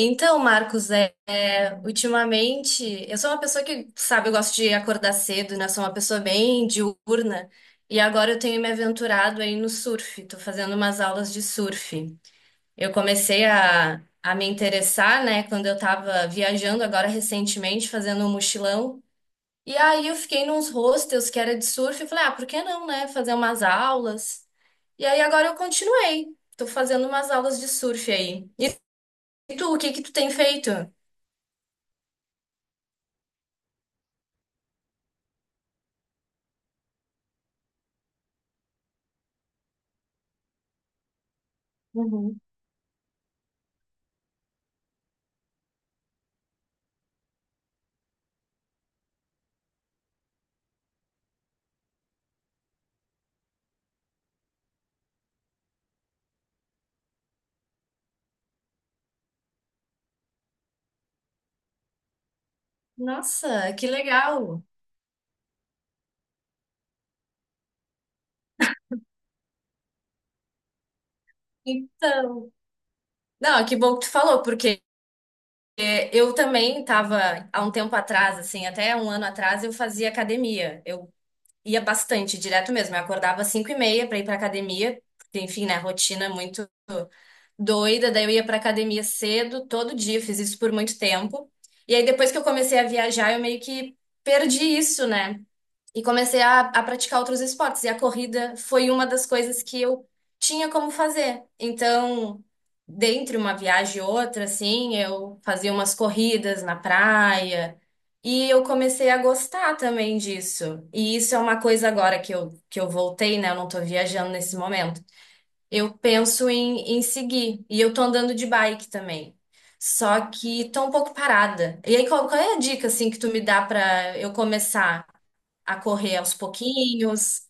Então, Marcos, ultimamente, eu sou uma pessoa que, sabe, eu gosto de acordar cedo, né? Sou uma pessoa bem diurna. E agora eu tenho me aventurado aí no surf, tô fazendo umas aulas de surf. Eu comecei a me interessar, né, quando eu tava viajando agora recentemente, fazendo um mochilão. E aí eu fiquei nos hostels que era de surf e falei, ah, por que não, né, fazer umas aulas? E aí agora eu continuei, tô fazendo umas aulas de surf aí. E tu, o que que tu tem feito? Uhum. Nossa, que legal! Então, não, que bom que tu falou, porque eu também estava há um tempo atrás, assim, até um ano atrás, eu fazia academia. Eu ia bastante, direto mesmo. Eu acordava às 5h30 para ir para academia, porque, enfim, né, rotina muito doida. Daí eu ia para academia cedo, todo dia, fiz isso por muito tempo. E aí depois que eu comecei a viajar, eu meio que perdi isso, né? E comecei a praticar outros esportes. E a corrida foi uma das coisas que eu tinha como fazer. Então, dentre uma viagem e outra, assim, eu fazia umas corridas na praia. E eu comecei a gostar também disso. E isso é uma coisa agora que que eu voltei, né? Eu não tô viajando nesse momento. Eu penso em seguir. E eu tô andando de bike também. Só que tô um pouco parada. E aí, qual é a dica, assim, que tu me dá pra eu começar? A correr aos pouquinhos.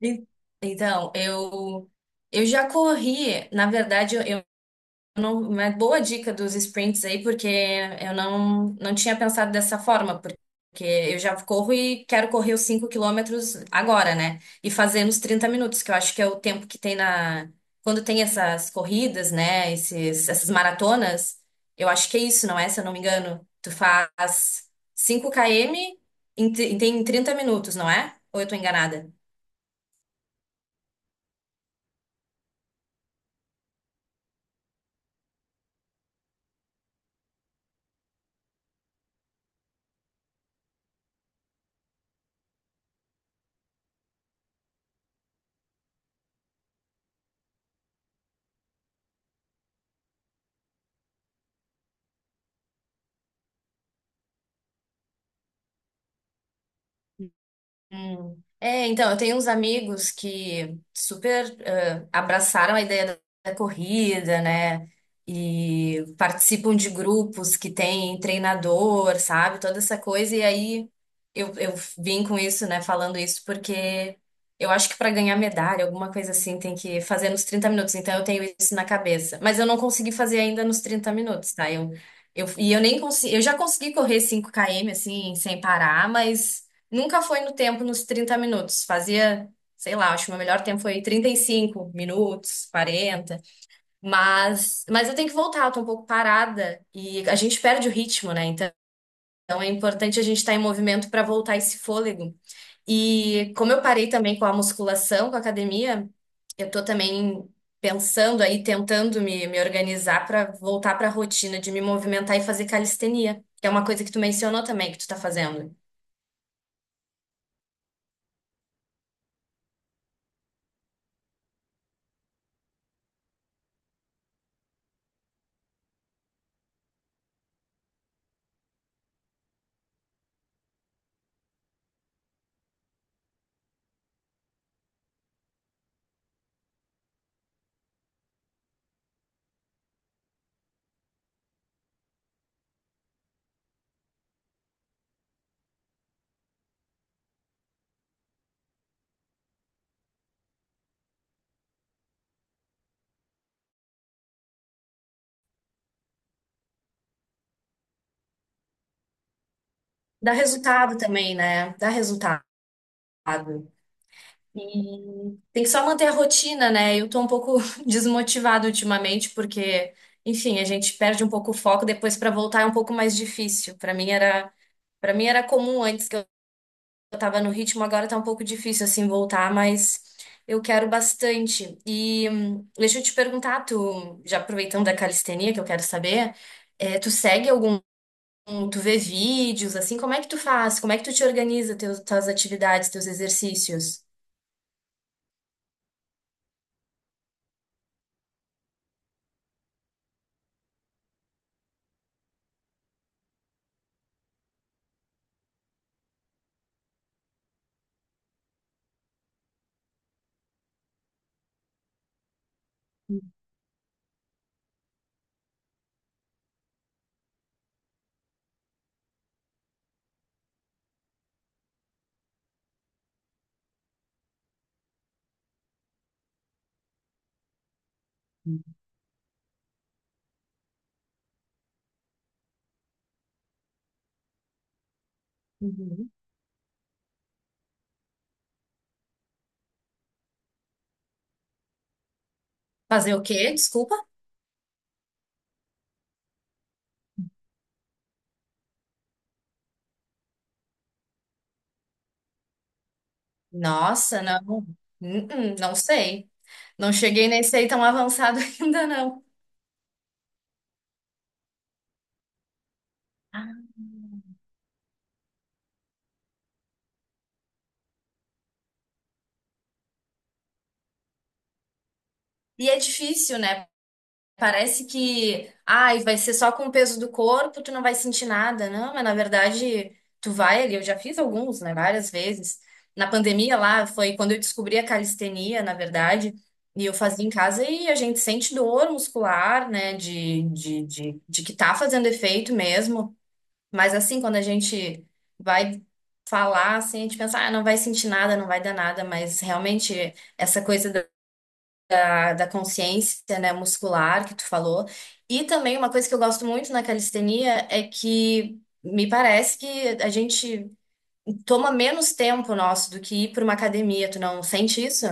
E- Então, eu já corri, na verdade, eu não- uma boa dica dos sprints aí, porque eu não tinha pensado dessa forma, porque eu já corro e quero correr os 5 quilômetros agora, né? E fazer nos 30 minutos, que eu acho que é o tempo que tem na. Quando tem essas corridas, né? Essas maratonas, eu acho que é isso, não é? Se eu não me engano, tu faz 5 km em 30 minutos, não é? Ou eu tô enganada? Hum. É, então, eu tenho uns amigos que super abraçaram a ideia da corrida, né? E participam de grupos que têm treinador, sabe? Toda essa coisa. E aí eu vim com isso, né? Falando isso porque eu acho que para ganhar medalha, alguma coisa assim, tem que fazer nos 30 minutos. Então eu tenho isso na cabeça. Mas eu não consegui fazer ainda nos 30 minutos, tá? E eu nem consegui. Eu já consegui correr 5 km, assim, sem parar, mas. Nunca foi no tempo nos 30 minutos. Fazia, sei lá, acho que o meu melhor tempo foi 35 minutos, quarenta. Mas eu tenho que voltar, eu tô um pouco parada e a gente perde o ritmo, né? Então é importante a gente estar em movimento para voltar esse fôlego. E como eu parei também com a musculação, com a academia, eu tô também pensando aí, tentando me organizar para voltar para a rotina de me movimentar e fazer calistenia, que é uma coisa que tu mencionou também que tu tá fazendo. Dá resultado também, né? Dá resultado. E tem que só manter a rotina, né? Eu tô um pouco desmotivada ultimamente, porque, enfim, a gente perde um pouco o foco, depois pra voltar é um pouco mais difícil. Para mim era comum antes que eu tava no ritmo, agora tá um pouco difícil assim voltar, mas eu quero bastante. E deixa eu te perguntar, tu, já aproveitando da calistenia que eu quero saber, tu segue algum. Tu vê vídeos, assim, como é que tu faz? Como é que tu te organiza tuas atividades, teus exercícios? Uhum. Fazer o quê? Desculpa? Nossa, não. Não sei. Não cheguei nesse aí tão avançado ainda, não. E é difícil, né? Parece que, ai, vai ser só com o peso do corpo, tu não vai sentir nada, não, mas na verdade tu vai ali, eu já fiz alguns, né, várias vezes. Na pandemia lá foi quando eu descobri a calistenia, na verdade, e eu fazia em casa e a gente sente dor muscular, né, de que tá fazendo efeito mesmo, mas assim, quando a gente vai falar, assim, a gente pensa, ah, não vai sentir nada, não vai dar nada, mas realmente essa coisa da consciência, né, muscular que tu falou. E também uma coisa que eu gosto muito na calistenia é que me parece que a gente toma menos tempo nosso do que ir para uma academia. Tu não sente isso?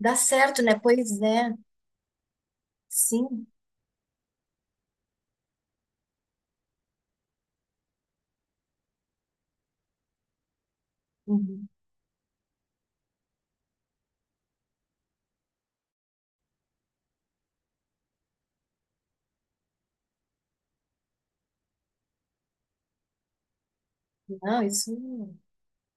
Dá certo, né? Pois é. Sim. Uhum. Não, isso.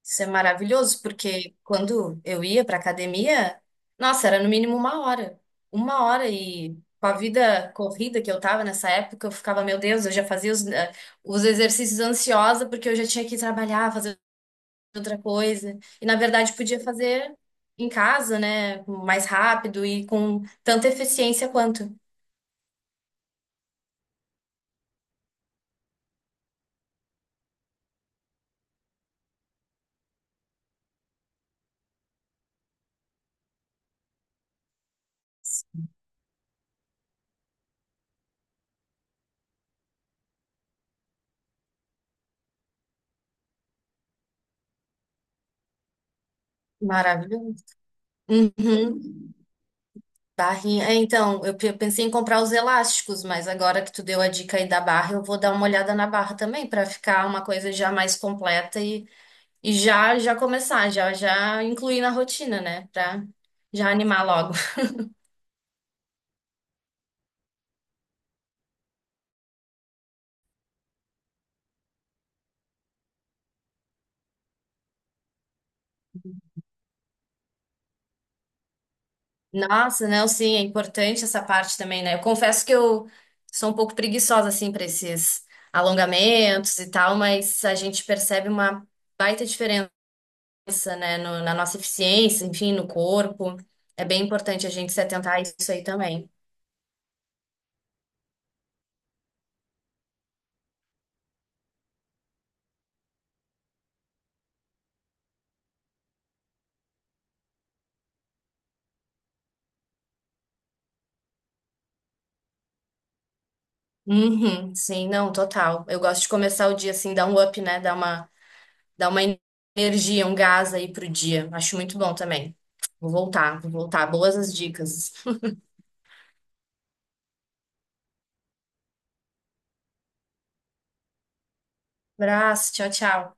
Isso é maravilhoso, porque quando eu ia para academia, nossa, era no mínimo uma hora. Uma hora e com a vida corrida que eu tava nessa época, eu ficava, meu Deus, eu já fazia os exercícios ansiosa, porque eu já tinha que trabalhar, fazer outra coisa. E na verdade podia fazer em casa, né? Mais rápido e com tanta eficiência quanto. Maravilhoso. Uhum. Barrinha. É, então, eu pensei em comprar os elásticos, mas agora que tu deu a dica aí da barra, eu vou dar uma olhada na barra também para ficar uma coisa já mais completa e já já começar, já já incluir na rotina, né? Pra já animar logo. Nossa, não, sim, é importante essa parte também, né? Eu confesso que eu sou um pouco preguiçosa assim para esses alongamentos e tal, mas a gente percebe uma baita diferença. Cabeça, né, na nossa eficiência, enfim, no corpo. É bem importante a gente se atentar a isso aí também. Uhum, sim, não, total. Eu gosto de começar o dia assim, dar um up, né? Dar uma energia, um gás aí pro dia. Acho muito bom também. Vou voltar, vou voltar. Boas as dicas. Abraço, tchau, tchau.